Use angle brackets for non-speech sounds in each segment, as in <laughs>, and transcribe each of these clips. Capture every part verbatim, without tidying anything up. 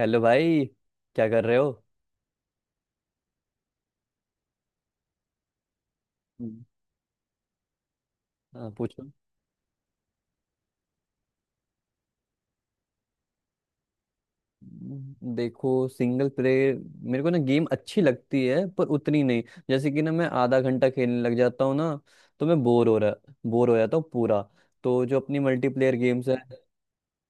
Hello भाई। क्या कर रहे हो? हम्म। हाँ, पूछो। हम्म, देखो सिंगल प्लेयर मेरे को ना गेम अच्छी लगती है पर उतनी नहीं। जैसे कि ना मैं आधा घंटा खेलने लग जाता हूँ ना, तो मैं बोर हो रहा बोर हो जाता हूँ पूरा। तो जो अपनी मल्टीप्लेयर गेम्स है,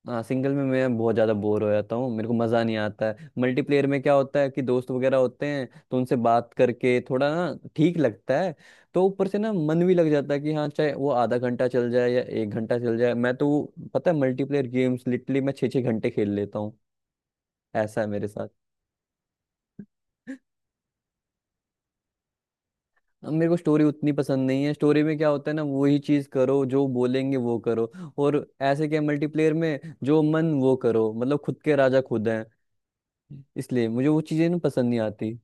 हाँ सिंगल में मैं बहुत ज़्यादा बोर हो जाता हूँ, मेरे को मज़ा नहीं आता है। मल्टीप्लेयर में क्या होता है कि दोस्त वगैरह होते हैं तो उनसे बात करके थोड़ा ना ठीक लगता है। तो ऊपर से ना मन भी लग जाता है कि हाँ चाहे वो आधा घंटा चल जाए या एक घंटा चल जाए, मैं तो पता है मल्टीप्लेयर गेम्स लिटरली मैं छः छः घंटे खेल लेता हूँ। ऐसा है मेरे साथ। अब मेरे को स्टोरी उतनी पसंद नहीं है। स्टोरी में क्या होता है ना, वही चीज़ करो जो बोलेंगे वो करो। और ऐसे क्या, मल्टीप्लेयर में जो मन वो करो, मतलब खुद के राजा खुद हैं। इसलिए मुझे वो चीज़ें ना पसंद नहीं आती।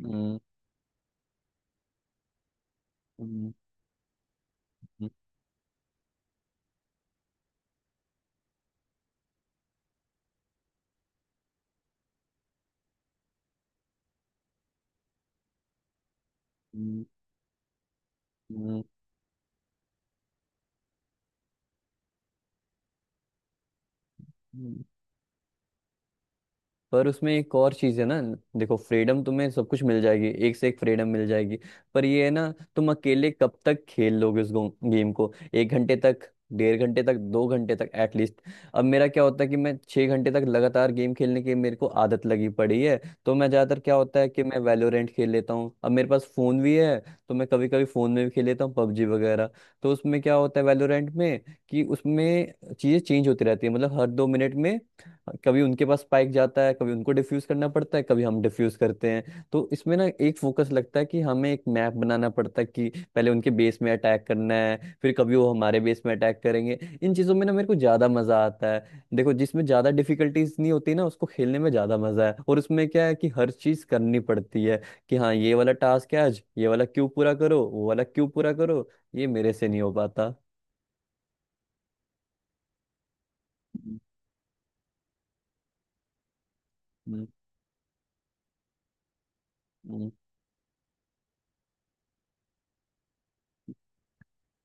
हम्म। हम्म। हम्म। हम्म। हम्म। पर उसमें एक और चीज है ना। देखो फ्रीडम तुम्हें सब कुछ मिल जाएगी, एक से एक फ्रीडम मिल जाएगी। पर ये है ना, तुम अकेले कब तक खेल लोगे उस गेम को? एक घंटे तक, डेढ़ घंटे तक, दो घंटे तक एटलीस्ट। अब मेरा क्या होता है कि मैं छह घंटे तक लगातार गेम खेलने की मेरे को आदत लगी पड़ी है। तो मैं ज्यादातर क्या होता है कि मैं वैलोरेंट खेल लेता हूँ। अब मेरे पास फोन भी है, तो मैं कभी कभी फोन में भी खेल लेता हूँ, पबजी वगैरह। तो उसमें क्या होता है वैलोरेंट में, कि उसमें चीजें चेंज होती रहती है मतलब हर दो मिनट में। कभी उनके पास स्पाइक जाता है, कभी उनको डिफ्यूज करना पड़ता है, कभी हम डिफ्यूज करते हैं। तो इसमें ना एक फोकस लगता है कि हमें एक मैप बनाना पड़ता है कि पहले उनके बेस में अटैक करना है, फिर कभी वो हमारे बेस में अटैक करेंगे। इन चीज़ों में ना मेरे को ज़्यादा मज़ा आता है। देखो जिसमें ज़्यादा डिफिकल्टीज नहीं होती ना, उसको खेलने में ज़्यादा मज़ा है। और उसमें क्या है कि हर चीज़ करनी पड़ती है, कि हाँ ये वाला टास्क है आज, ये वाला क्यों पूरा करो वो वाला क्यों पूरा करो, ये मेरे से नहीं हो पाता। हम्म। हम्म।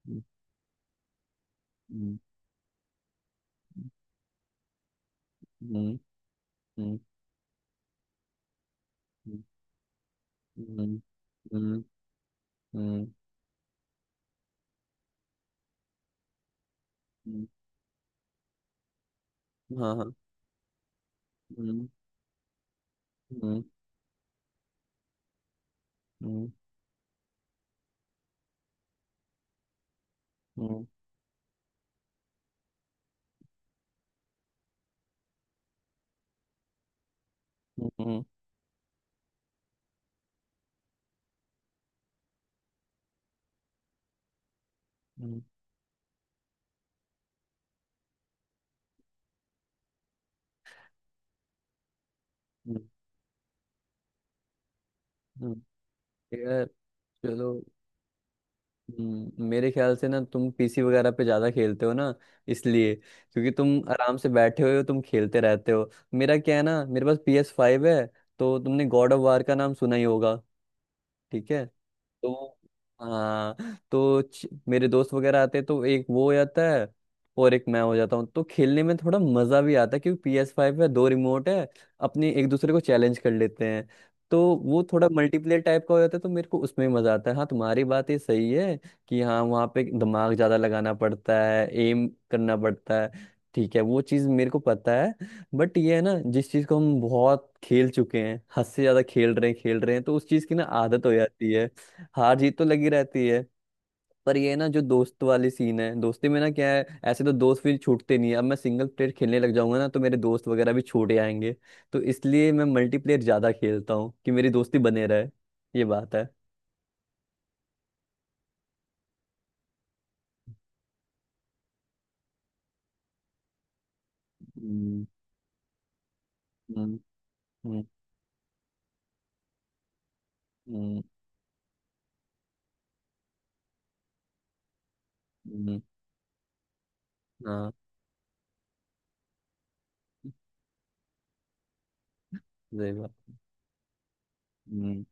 हम्म। हम्म। हम्म। हम्म। हम्म। हम्म। हम्म। हम्म। हम्म। हम्म। हाँ हाँ। हम्म। हम्म। हम्म। हम्म। हम्म। हम्म। हम्म। हम्म। यार, चलो। हम्म, मेरे ख्याल से ना तुम पीसी वगैरह पे ज्यादा खेलते हो ना, इसलिए, क्योंकि तुम आराम से बैठे हुए हो तुम खेलते रहते हो। मेरा क्या है ना, मेरे पास PS5 है। तो तुमने गॉड ऑफ वार का नाम सुना ही होगा। ठीक है। तो हाँ तो च- मेरे दोस्त वगैरह आते हैं तो एक वो हो जाता है और एक मैं हो जाता हूँ, तो खेलने में थोड़ा मजा भी आता है, क्योंकि पी एस फाइव है, दो रिमोट है, अपने एक दूसरे को चैलेंज कर लेते हैं। तो वो थोड़ा मल्टीप्लेयर टाइप का हो जाता है, तो मेरे को उसमें भी मजा आता है। हाँ तुम्हारी बात ये सही है कि हाँ वहाँ पे दिमाग ज्यादा लगाना पड़ता है, एम करना पड़ता है। ठीक है, वो चीज मेरे को पता है। बट ये है ना, जिस चीज को हम बहुत खेल चुके हैं, हद से ज्यादा खेल रहे हैं खेल रहे हैं, तो उस चीज की ना आदत हो जाती है। हार जीत तो लगी रहती है। पर ये ना, जो दोस्त वाली सीन है, दोस्ती में ना क्या है, ऐसे तो दोस्त फिर छूटते नहीं है। अब मैं सिंगल प्लेयर खेलने लग जाऊंगा ना, तो मेरे दोस्त वगैरह भी छूटे आएंगे। तो इसलिए मैं मल्टीप्लेयर ज्यादा खेलता हूँ कि मेरी दोस्ती बने रहे। ये बात है। हम्म। हम्म। हम्म। हम्म। हम्म। हाँ सही बात। हम्म।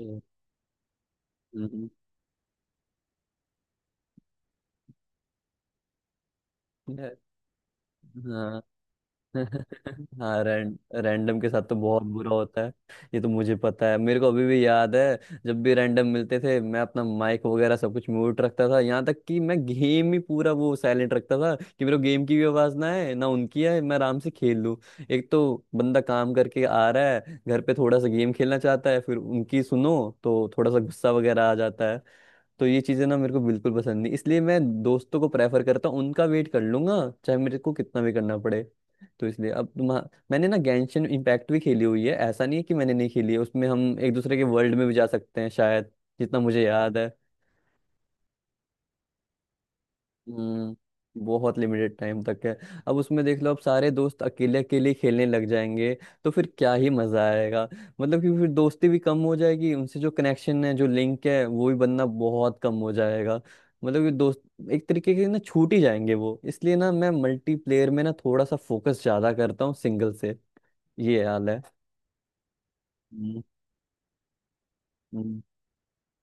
हम्म। हम्म। हम्म। हाँ रैंड रैंडम के साथ तो बहुत बुरा होता है। ये तो मुझे पता है। मेरे को अभी भी याद है, जब भी रैंडम मिलते थे मैं अपना माइक वगैरह सब कुछ म्यूट रखता था, यहाँ तक कि मैं गेम ही पूरा वो साइलेंट रखता था कि मेरे को गेम की भी आवाज़ ना आए, ना उनकी आए, मैं आराम से खेल लूँ। एक तो बंदा काम करके आ रहा है घर पे, थोड़ा सा गेम खेलना चाहता है, फिर उनकी सुनो। तो थोड़ा सा गुस्सा वगैरह आ जाता। तो ये चीज़ें ना मेरे को बिल्कुल पसंद नहीं, इसलिए मैं दोस्तों को प्रेफर करता हूँ, उनका वेट कर लूंगा चाहे मेरे को कितना भी करना पड़े। तो इसलिए अब तुम, मैंने ना गैंशन इम्पैक्ट भी खेली हुई है, ऐसा नहीं है कि मैंने नहीं खेली है। उसमें हम एक दूसरे के वर्ल्ड में भी जा सकते हैं शायद, जितना मुझे याद है। हम्म। बहुत लिमिटेड टाइम तक है। अब उसमें देख लो, अब सारे दोस्त अकेले अकेले खेलने लग जाएंगे, तो फिर क्या ही मजा आएगा। मतलब कि फिर दोस्ती भी कम हो जाएगी, उनसे जो कनेक्शन है जो लिंक है वो भी बनना बहुत कम हो जाएगा। मतलब कि दोस्त एक तरीके के ना छूट ही जाएंगे वो, इसलिए ना मैं मल्टीप्लेयर में ना थोड़ा सा फोकस ज्यादा करता हूँ सिंगल से। ये हाल है। हम्म। हम्म।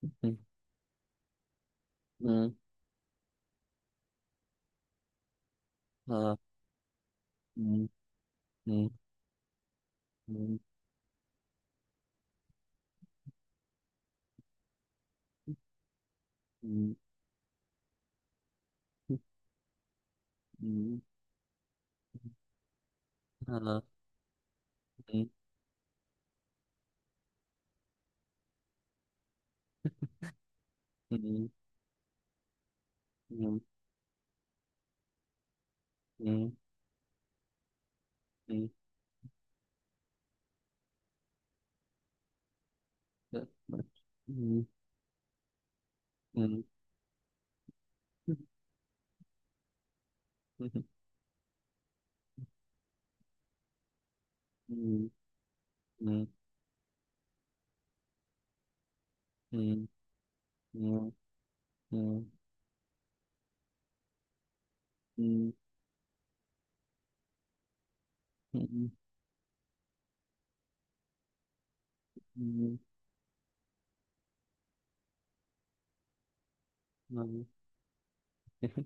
हम्म। हम्म। हाँ। हम्म। हम्म। हम्म। हम्म। हम्म। हाँ। हम्म। हम्म। हम्म। हम्म। हम्म। हम्म। हम्म। हम्म। हम्म। हम्म। हम्म। हम्म। हम्म। हम्म। हम्म। हम्म,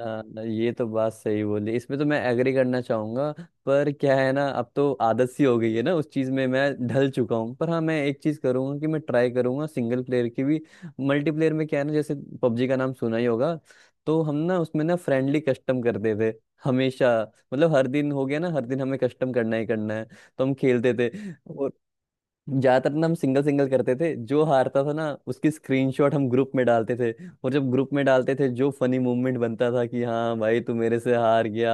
आ, ये तो बात सही बोली, इसमें तो मैं एग्री करना चाहूंगा। पर क्या है ना, अब तो आदत सी हो गई है ना, उस चीज में मैं ढल चुका हूँ। पर हाँ मैं एक चीज करूंगा कि मैं ट्राई करूंगा सिंगल प्लेयर की भी। मल्टीप्लेयर में क्या है ना, जैसे पबजी का नाम सुना ही होगा। तो हम ना उसमें ना फ्रेंडली कस्टम करते थे हमेशा। मतलब हर दिन हो गया ना, हर दिन हमें कस्टम करना ही करना है। तो हम खेलते थे। ज्यादातर ना हम सिंगल सिंगल करते थे, जो हारता था ना उसकी स्क्रीनशॉट हम ग्रुप में डालते थे। और जब ग्रुप में डालते थे, जो फनी मूवमेंट बनता था कि हाँ भाई तू मेरे से हार गया,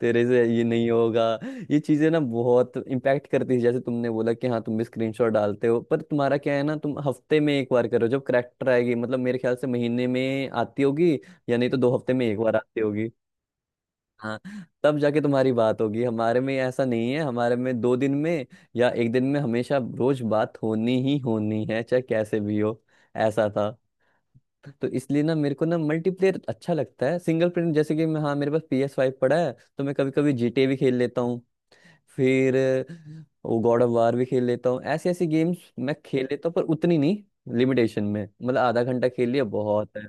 तेरे से ये नहीं होगा। ये चीजें ना बहुत इम्पैक्ट करती है। जैसे तुमने बोला कि हाँ तुम भी स्क्रीनशॉट डालते हो, पर तुम्हारा क्या है ना, तुम हफ्ते में एक बार करो जब करेक्टर आएगी, मतलब मेरे ख्याल से महीने में आती होगी, या नहीं तो दो हफ्ते में एक बार आती होगी। हाँ तब जाके तुम्हारी बात होगी। हमारे में ऐसा नहीं है, हमारे में दो दिन में या एक दिन में हमेशा रोज बात होनी ही होनी है, चाहे कैसे भी हो। ऐसा था। तो इसलिए ना मेरे को ना मल्टीप्लेयर अच्छा लगता है। सिंगल प्लेयर जैसे कि मैं, हाँ मेरे पास पी एस फाइव पड़ा है, तो मैं कभी कभी जी टी ए भी खेल लेता हूँ, फिर अ, वो गॉड ऑफ वार भी खेल लेता हूँ। ऐसी ऐसी गेम्स मैं खेल लेता हूँ पर उतनी नहीं। लिमिटेशन में, मतलब आधा घंटा खेल लिया बहुत है।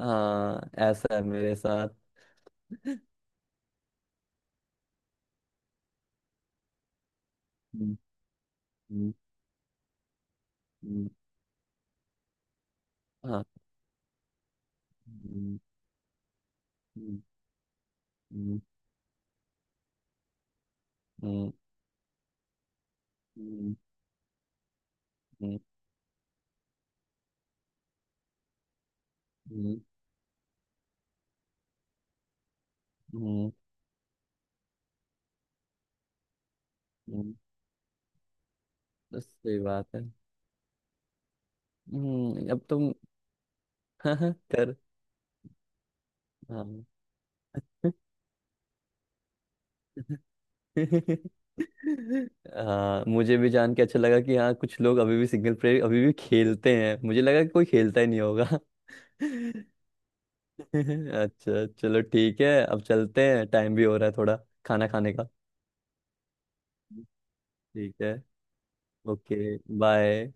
हाँ ऐसा है मेरे साथ। हम्म। हम्म। हम्म। हाँ। हम्म। हम्म। हम्म। हम्म। हम्म। हम्म। हम्म। हम्म। हम्म। बस सही बात है। हम्म, अब तुम <laughs> कर। हाँ। हाँ मुझे भी जान के अच्छा लगा कि हाँ कुछ लोग अभी भी सिंगल प्लेयर अभी भी खेलते हैं, मुझे लगा कि कोई खेलता ही नहीं होगा। <laughs> अच्छा चलो ठीक है, अब चलते हैं, टाइम भी हो रहा है थोड़ा, खाना खाने का। ठीक है। Okay bye.